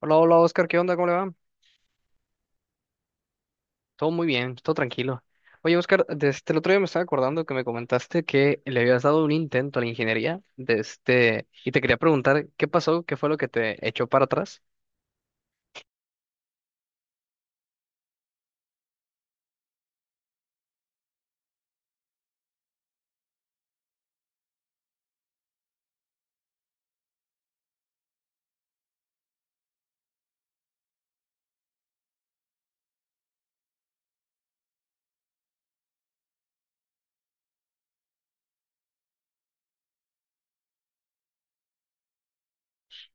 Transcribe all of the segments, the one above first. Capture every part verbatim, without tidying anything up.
Hola, hola Oscar, ¿qué onda? ¿Cómo le va? Todo muy bien, todo tranquilo. Oye Oscar, desde el otro día me estaba acordando que me comentaste que le habías dado un intento a la ingeniería de este, y te quería preguntar qué pasó, qué fue lo que te echó para atrás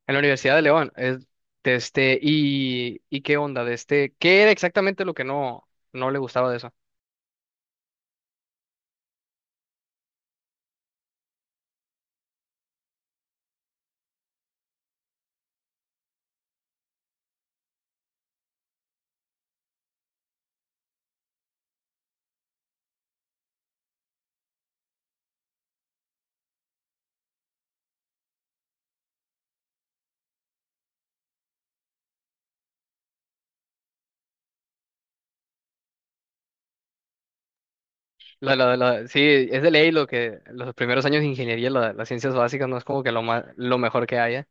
en la Universidad de León. Es- de este, y, y qué onda, de este, ¿qué era exactamente lo que no, no le gustaba de eso? La, la, la, sí, es de ley lo que los primeros años de ingeniería, la- las ciencias básicas, no es como que lo, ma- lo mejor que haya.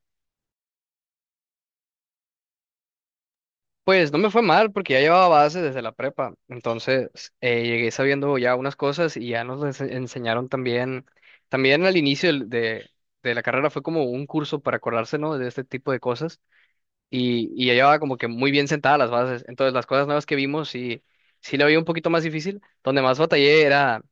Pues no me fue mal porque ya llevaba bases desde la prepa, entonces eh, llegué sabiendo ya unas cosas y ya nos les enseñaron también, también al inicio del- de, de la carrera fue como un curso para acordarse, ¿no? De este tipo de cosas y, y ya llevaba como que muy bien sentadas las bases, entonces las cosas nuevas que vimos sí, sí la veía un poquito más difícil, donde más batallé era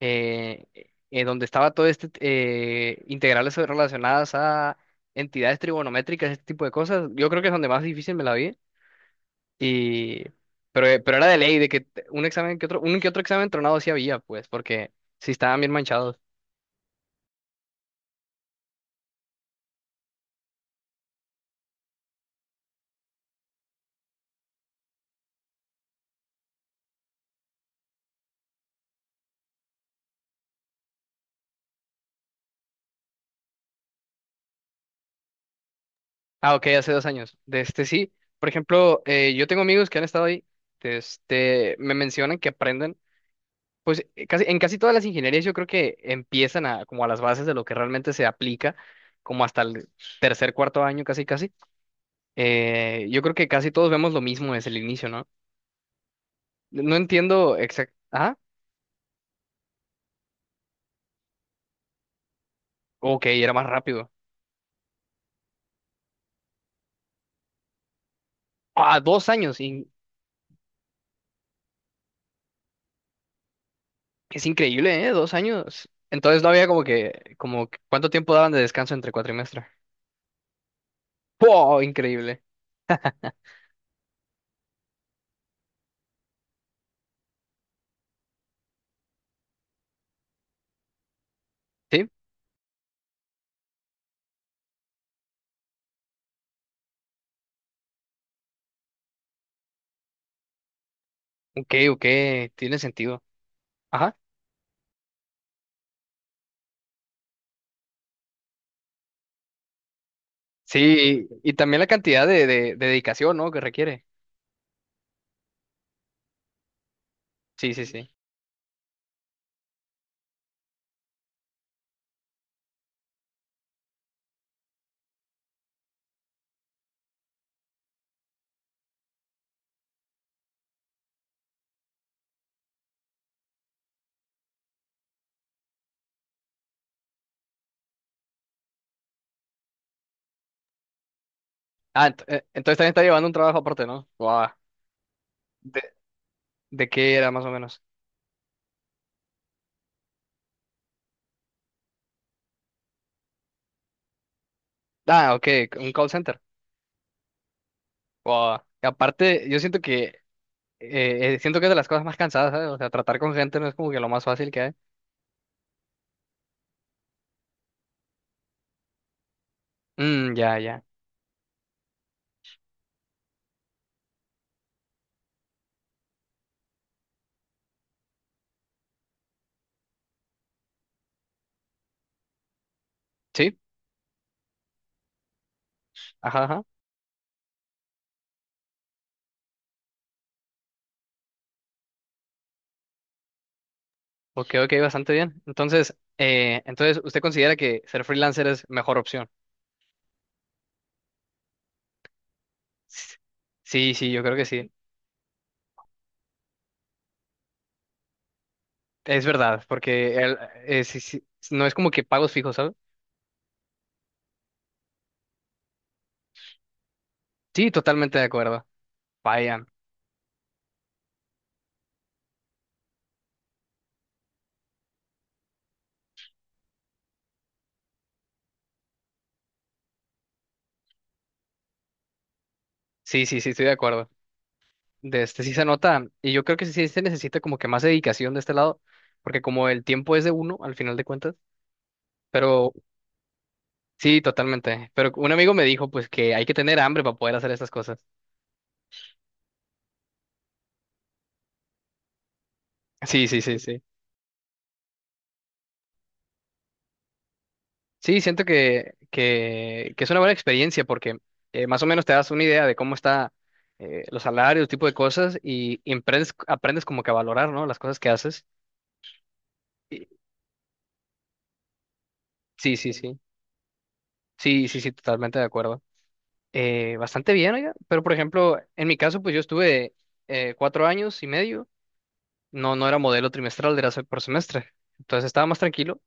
eh, eh, donde estaba todo este, eh, integrales relacionadas a entidades trigonométricas, este tipo de cosas, yo creo que es donde más difícil me la vi. Y, pero, eh, pero era de ley, de que te- un examen que otro, un que otro examen tronado sí había, pues, porque sí estaban bien manchados. Ah, ok, hace dos años. De este Sí, por ejemplo, eh, yo tengo amigos que han estado ahí, de este, me mencionan que aprenden, pues, eh, casi, en casi todas las ingenierías yo creo que empiezan a, como a las bases de lo que realmente se aplica, como hasta el tercer, cuarto año, casi, casi. Eh, yo creo que casi todos vemos lo mismo desde el inicio, ¿no? No entiendo exactamente. Ah, ok, era más rápido. Ah, dos años. Es increíble, ¿eh? Dos años. Entonces no había como que, como, que- ¿cuánto tiempo daban de descanso entre cuatrimestres? ¡Wow! Increíble. Sí, ok, ok, tiene sentido. Ajá. Sí, y, y también la cantidad de, de- de dedicación, ¿no? Que requiere. Sí, sí, sí. Ah, ent- eh, entonces también está llevando un trabajo aparte, ¿no? ¡Wow! ¿De, de qué era más o menos? Ah, ok, un call center. ¡Wow! Y aparte, yo siento que, eh, eh, siento que es de las cosas más cansadas, ¿sabes? O sea, tratar con gente no es como que lo más fácil que hay. Mm, ya, ya. Sí, ajá, ajá. Ok, ok, bastante bien. Entonces, eh, entonces, ¿usted considera que ser freelancer es mejor opción? S- Sí, sí, yo creo que sí. Es verdad, porque el- eh, sí, sí, no es como que pagos fijos, ¿sabes? Sí, totalmente de acuerdo. Vayan. Sí, sí, sí, estoy de acuerdo. De este Sí se nota, y yo creo que sí se necesita como que más dedicación de este lado, porque como el tiempo es de uno, al final de cuentas, pero sí, totalmente. Pero un amigo me dijo, pues, que hay que tener hambre para poder hacer estas cosas. Sí, sí, sí, sí. Sí, siento que, que, que es una buena experiencia porque eh, más o menos te das una idea de cómo está eh, los salarios, tipo de cosas y, y emprendes- aprendes, como que a valorar, ¿no? Las cosas que haces. Y- sí, sí, sí. Sí, sí, sí, totalmente de acuerdo. Eh, bastante bien, oiga. Pero por ejemplo, en mi caso, pues yo estuve eh, cuatro años y medio. No, no era modelo trimestral, era se- por semestre. Entonces estaba más tranquilo.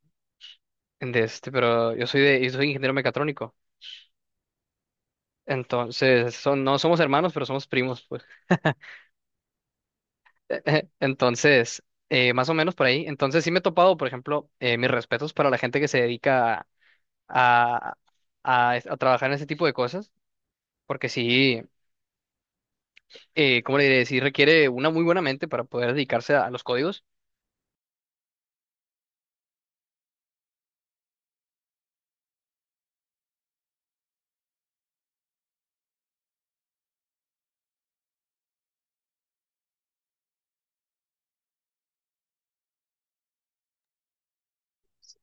De este, pero yo soy de, yo soy ingeniero mecatrónico. Entonces, son, no somos hermanos, pero somos primos, pues. Entonces, eh, más o menos por ahí. Entonces sí me he topado, por ejemplo, eh, mis respetos para la gente que se dedica a, a, a trabajar en ese tipo de cosas, porque sí, eh, ¿cómo le diré? Sí requiere una muy buena mente para poder dedicarse a, los códigos.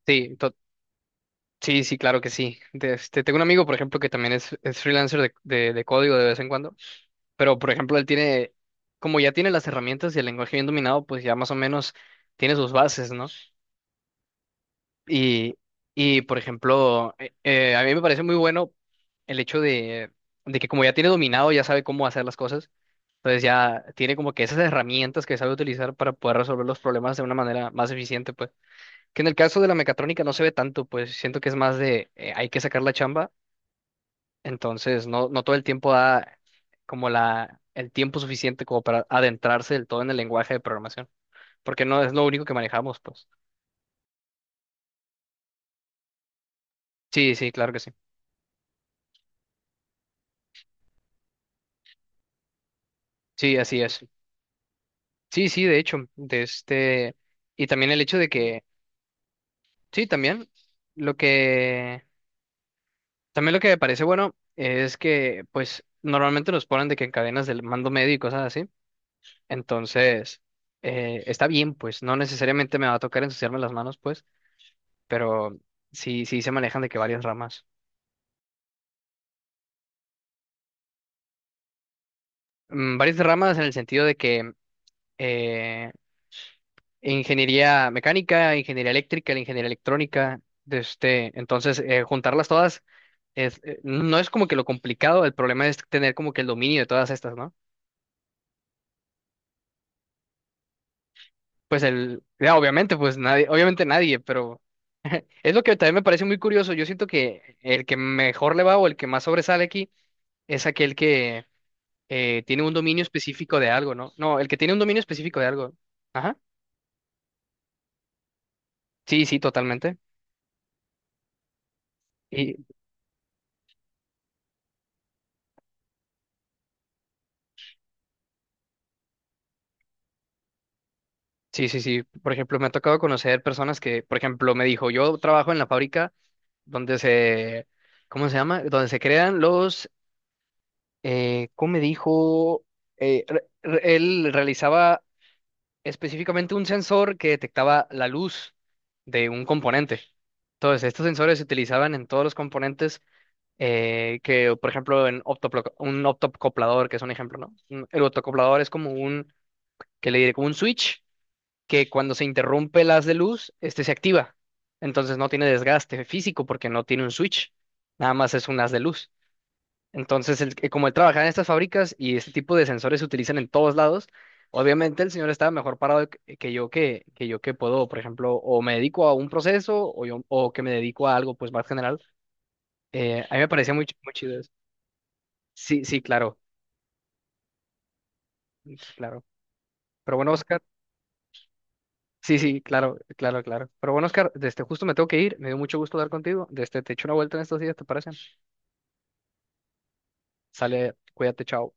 Sí, to- sí, sí, claro que sí. De- Este, tengo un amigo, por ejemplo, que también es, es freelancer de, de de código de vez en cuando, pero, por ejemplo, él tiene, como ya tiene las herramientas y el lenguaje bien dominado, pues ya más o menos tiene sus bases, ¿no? Y, y por ejemplo, eh, eh, a mí me parece muy bueno el hecho de, de que como ya tiene dominado, ya sabe cómo hacer las cosas, entonces ya tiene como que esas herramientas que sabe utilizar para poder resolver los problemas de una manera más eficiente, pues. Que en el caso de la mecatrónica no se ve tanto, pues siento que es más de eh, hay que sacar la chamba, entonces no, no todo el tiempo da como la, el tiempo suficiente como para adentrarse del todo en el lenguaje de programación, porque no es lo único que manejamos, pues. Sí, sí, claro que sí. Sí, así es. Sí, sí, de hecho, de este, y también el hecho de que, sí, también lo que, también lo que me parece bueno es que, pues, normalmente nos ponen de que en cadenas del mando medio y cosas así, entonces, eh, está bien, pues, no necesariamente me va a tocar ensuciarme las manos, pues, pero sí, sí se manejan de que varias ramas. Mm, varias ramas en el sentido de que eh, ingeniería mecánica, ingeniería eléctrica, la ingeniería electrónica, de este, entonces, eh, juntarlas todas. Es, eh, no es como que lo complicado, el problema es tener como que el dominio de todas estas, ¿no? Pues el, ya, obviamente, pues nadie, obviamente nadie, pero es lo que también me parece muy curioso. Yo siento que el que mejor le va o el que más sobresale aquí es aquel que eh, tiene un dominio específico de algo, ¿no? No, el que tiene un dominio específico de algo. Ajá. Sí, sí, totalmente. Y sí, sí, sí. Por ejemplo, me ha tocado conocer personas que, por ejemplo, me dijo, yo trabajo en la fábrica donde se, ¿cómo se llama? Donde se crean los eh, ¿cómo me dijo? Eh, re- re- él realizaba específicamente un sensor que detectaba la luz de un componente. Entonces, estos sensores se utilizaban en todos los componentes eh, que, por ejemplo, en optoplo- un optocoplador, que es un ejemplo, ¿no? Un- El optocoplador es como un, que le diré, como un switch que cuando se interrumpe el haz de luz, este se activa. Entonces no tiene desgaste físico porque no tiene un switch, nada más es un haz de luz. Entonces, el- eh, como él trabajaba en estas fábricas y este tipo de sensores se utilizan en todos lados, obviamente el señor estaba mejor parado que eh, que yo que, que yo que puedo, por ejemplo, o me dedico a un proceso o, yo, o que me dedico a algo pues más general. Eh, a mí me parecía muy, ch- muy chido eso. Sí, sí, claro, mm, claro. Pero bueno, Oscar, sí, sí, claro, claro, claro. Pero bueno, Oscar, desde justo me tengo que ir, me dio mucho gusto hablar contigo. Desde te echo una vuelta en estos días, ¿te parece? Sale, cuídate, chao.